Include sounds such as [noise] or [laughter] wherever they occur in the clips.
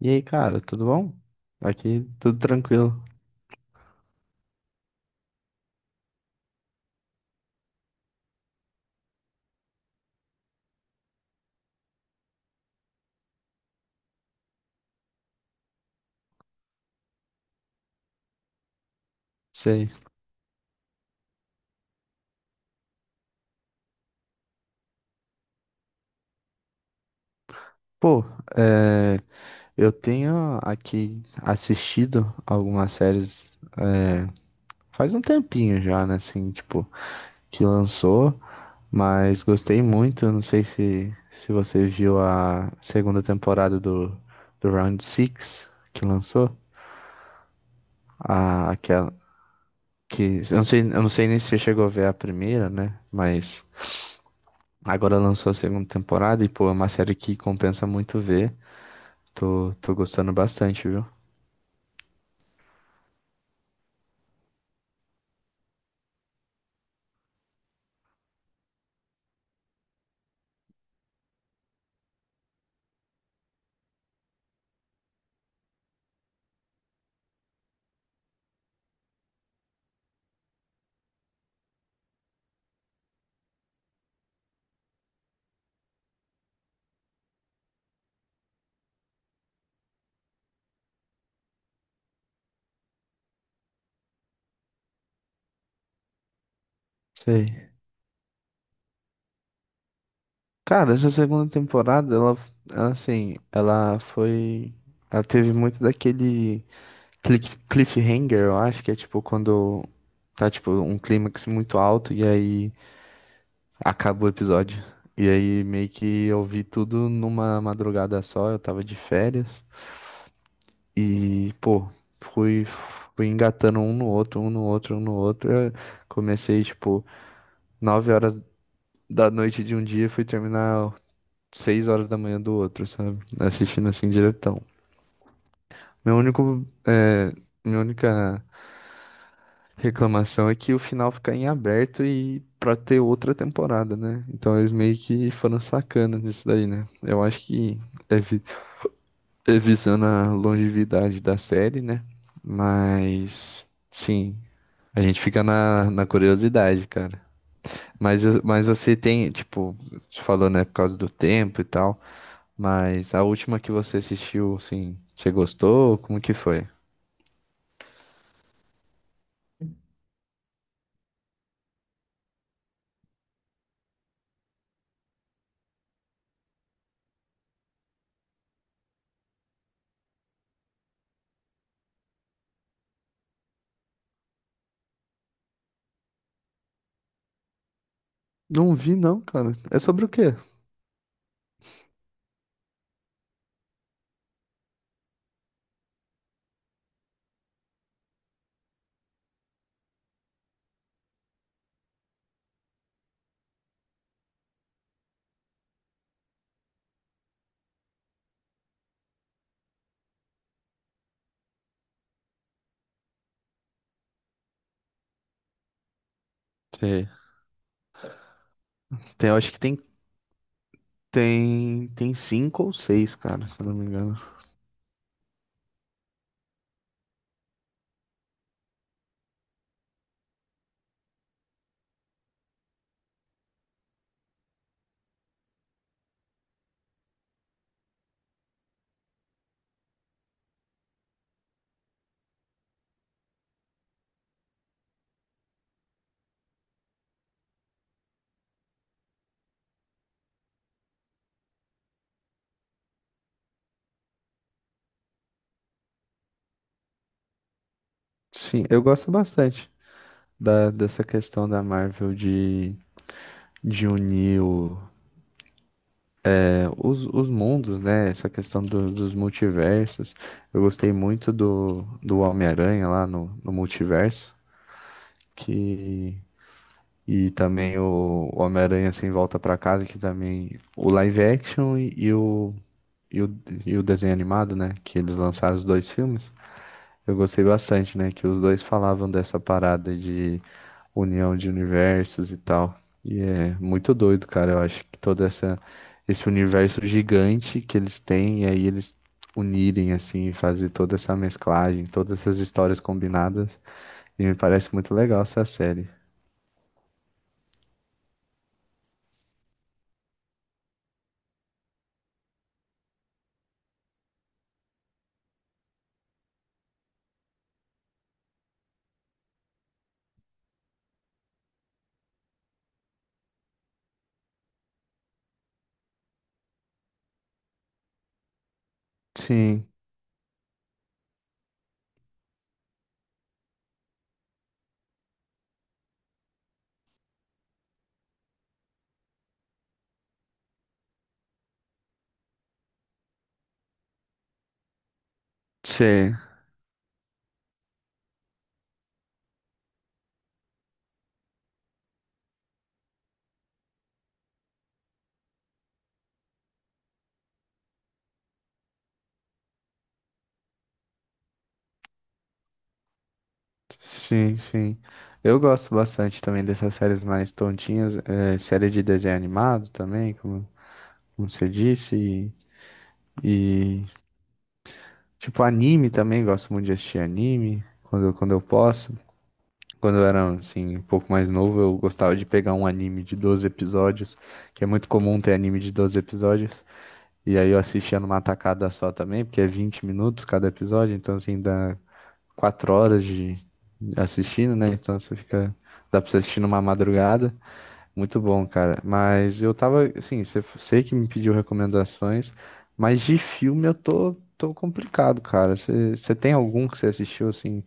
E aí, cara, tudo bom? Aqui tudo tranquilo. Sei. Pô, é, eu tenho aqui assistido algumas séries faz um tempinho já, né? Assim, tipo, que lançou, mas gostei muito. Não sei se você viu a segunda temporada do Round Six que lançou. Aquela que eu não sei nem se você chegou a ver a primeira, né? Mas agora lançou a segunda temporada e, pô, é uma série que compensa muito ver. Tô gostando bastante, viu? Sei. Cara, essa segunda temporada, ela, assim, ela foi. Ela teve muito daquele cliffhanger, eu acho, que é tipo quando tá, tipo, um clímax muito alto e aí acaba o episódio. E aí meio que eu vi tudo numa madrugada só, eu tava de férias. E, pô, fui, fui engatando um no outro, um no outro, um no outro. Eu comecei, tipo, 9h da noite de um dia e fui terminar 6h da manhã do outro, sabe? Assistindo assim diretão. Meu único, é, minha única reclamação é que o final fica em aberto e pra ter outra temporada, né? Então eles meio que foram sacana nisso daí, né? Eu acho que é, vi- é visando a longevidade da série, né? Mas, sim, a gente fica na curiosidade, cara. Mas você tem, tipo, você falou, né, por causa do tempo e tal. Mas a última que você assistiu, assim, você gostou? Como que foi? Não vi, não, cara. É sobre o quê? Sei. Tem, eu acho que tem cinco ou seis, cara, se eu não me engano. Sim, eu gosto bastante. Dessa questão da Marvel de unir os mundos, né? Essa questão dos multiversos. Eu gostei muito do Homem-Aranha lá no multiverso. Que E também o Homem-Aranha Sem Volta pra Casa, que também. O live action e, o, e o desenho animado, né? Que eles lançaram os dois filmes. Eu gostei bastante, né? Que os dois falavam dessa parada de união de universos e tal. E é muito doido, cara. Eu acho que esse universo gigante que eles têm, e aí eles unirem, assim, e fazer toda essa mesclagem, todas essas histórias combinadas. E me parece muito legal essa série. Sim. Sim. Sim, sim. Eu gosto bastante também dessas séries mais tontinhas, série de desenho animado também, como você disse, e, tipo anime também, gosto muito de assistir anime quando eu posso. Quando eu era assim, um pouco mais novo, eu gostava de pegar um anime de 12 episódios, que é muito comum ter anime de 12 episódios. E aí eu assistia numa tacada só também, porque é 20 minutos cada episódio, então assim dá 4 horas de, assistindo, né? Então você fica. Dá pra você assistir numa madrugada. Muito bom, cara. Mas eu tava, assim, você sei que me pediu recomendações, mas de filme eu tô complicado, cara. Você tem algum que você assistiu, assim,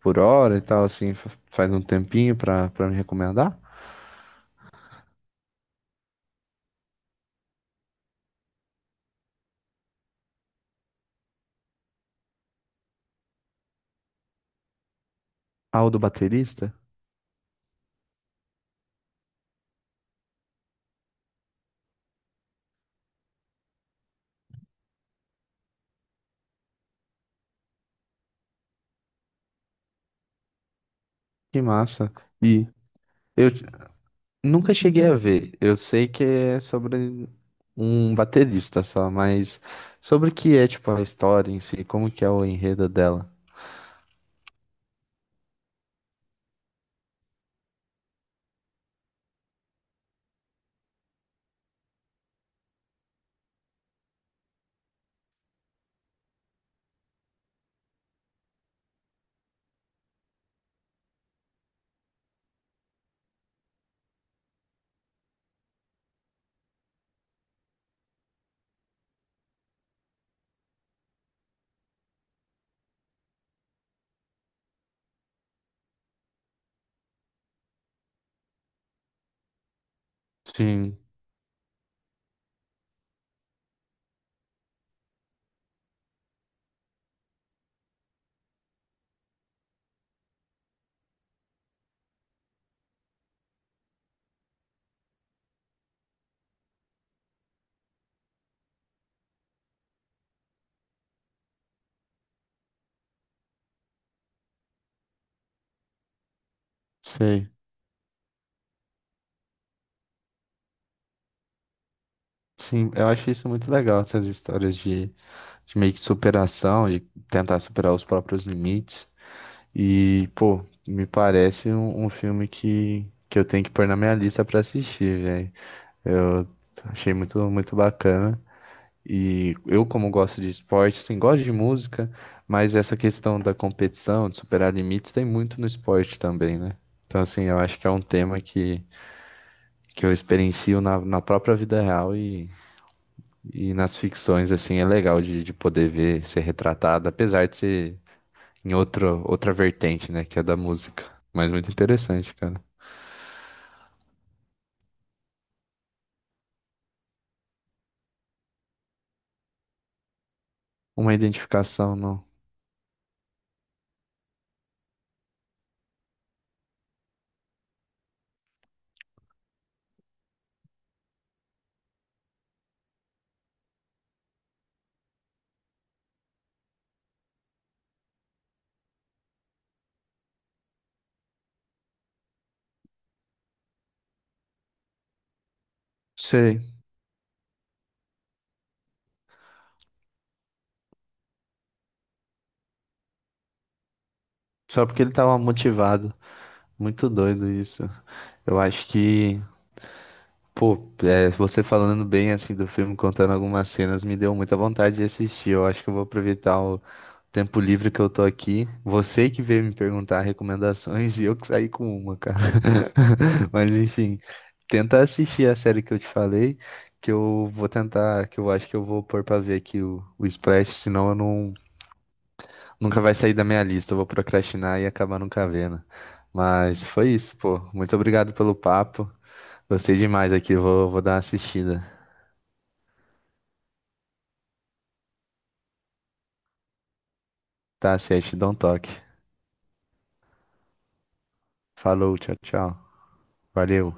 por hora e tal, assim, faz um tempinho pra me recomendar? Ah, o do baterista? Que massa. E eu nunca cheguei a ver. Eu sei que é sobre um baterista só, mas sobre o que é, tipo, a história em si, como que é o enredo dela? Sim, sei. Sim, eu acho isso muito legal, essas histórias de, meio que superação, de tentar superar os próprios limites. E, pô, me parece um filme que eu tenho que pôr na minha lista pra assistir, velho. Eu achei muito, muito bacana. E eu, como gosto de esporte, assim, gosto de música, mas essa questão da competição, de superar limites, tem muito no esporte também, né? Então, assim, eu acho que é um tema que eu experiencio na própria vida real e. E nas ficções, assim, é legal de poder ver ser retratado, apesar de ser em outra vertente, né, que é da música. Mas muito interessante, cara. Uma identificação, não. Sei. Só porque ele tava motivado. Muito doido isso. Eu acho que Pô, é, você falando bem assim do filme, contando algumas cenas, me deu muita vontade de assistir. Eu acho que eu vou aproveitar o tempo livre que eu tô aqui. Você que veio me perguntar recomendações [laughs] e eu que saí com uma, cara. [laughs] Mas enfim, tenta assistir a série que eu te falei, que eu vou tentar, que eu acho que eu vou pôr pra ver aqui o Splash, senão eu não, nunca vai sair da minha lista. Eu vou procrastinar e acabar nunca vendo. Mas foi isso, pô. Muito obrigado pelo papo. Gostei demais aqui, vou dar uma assistida. Tá certo, te dou um toque. Falou, tchau, tchau. Valeu.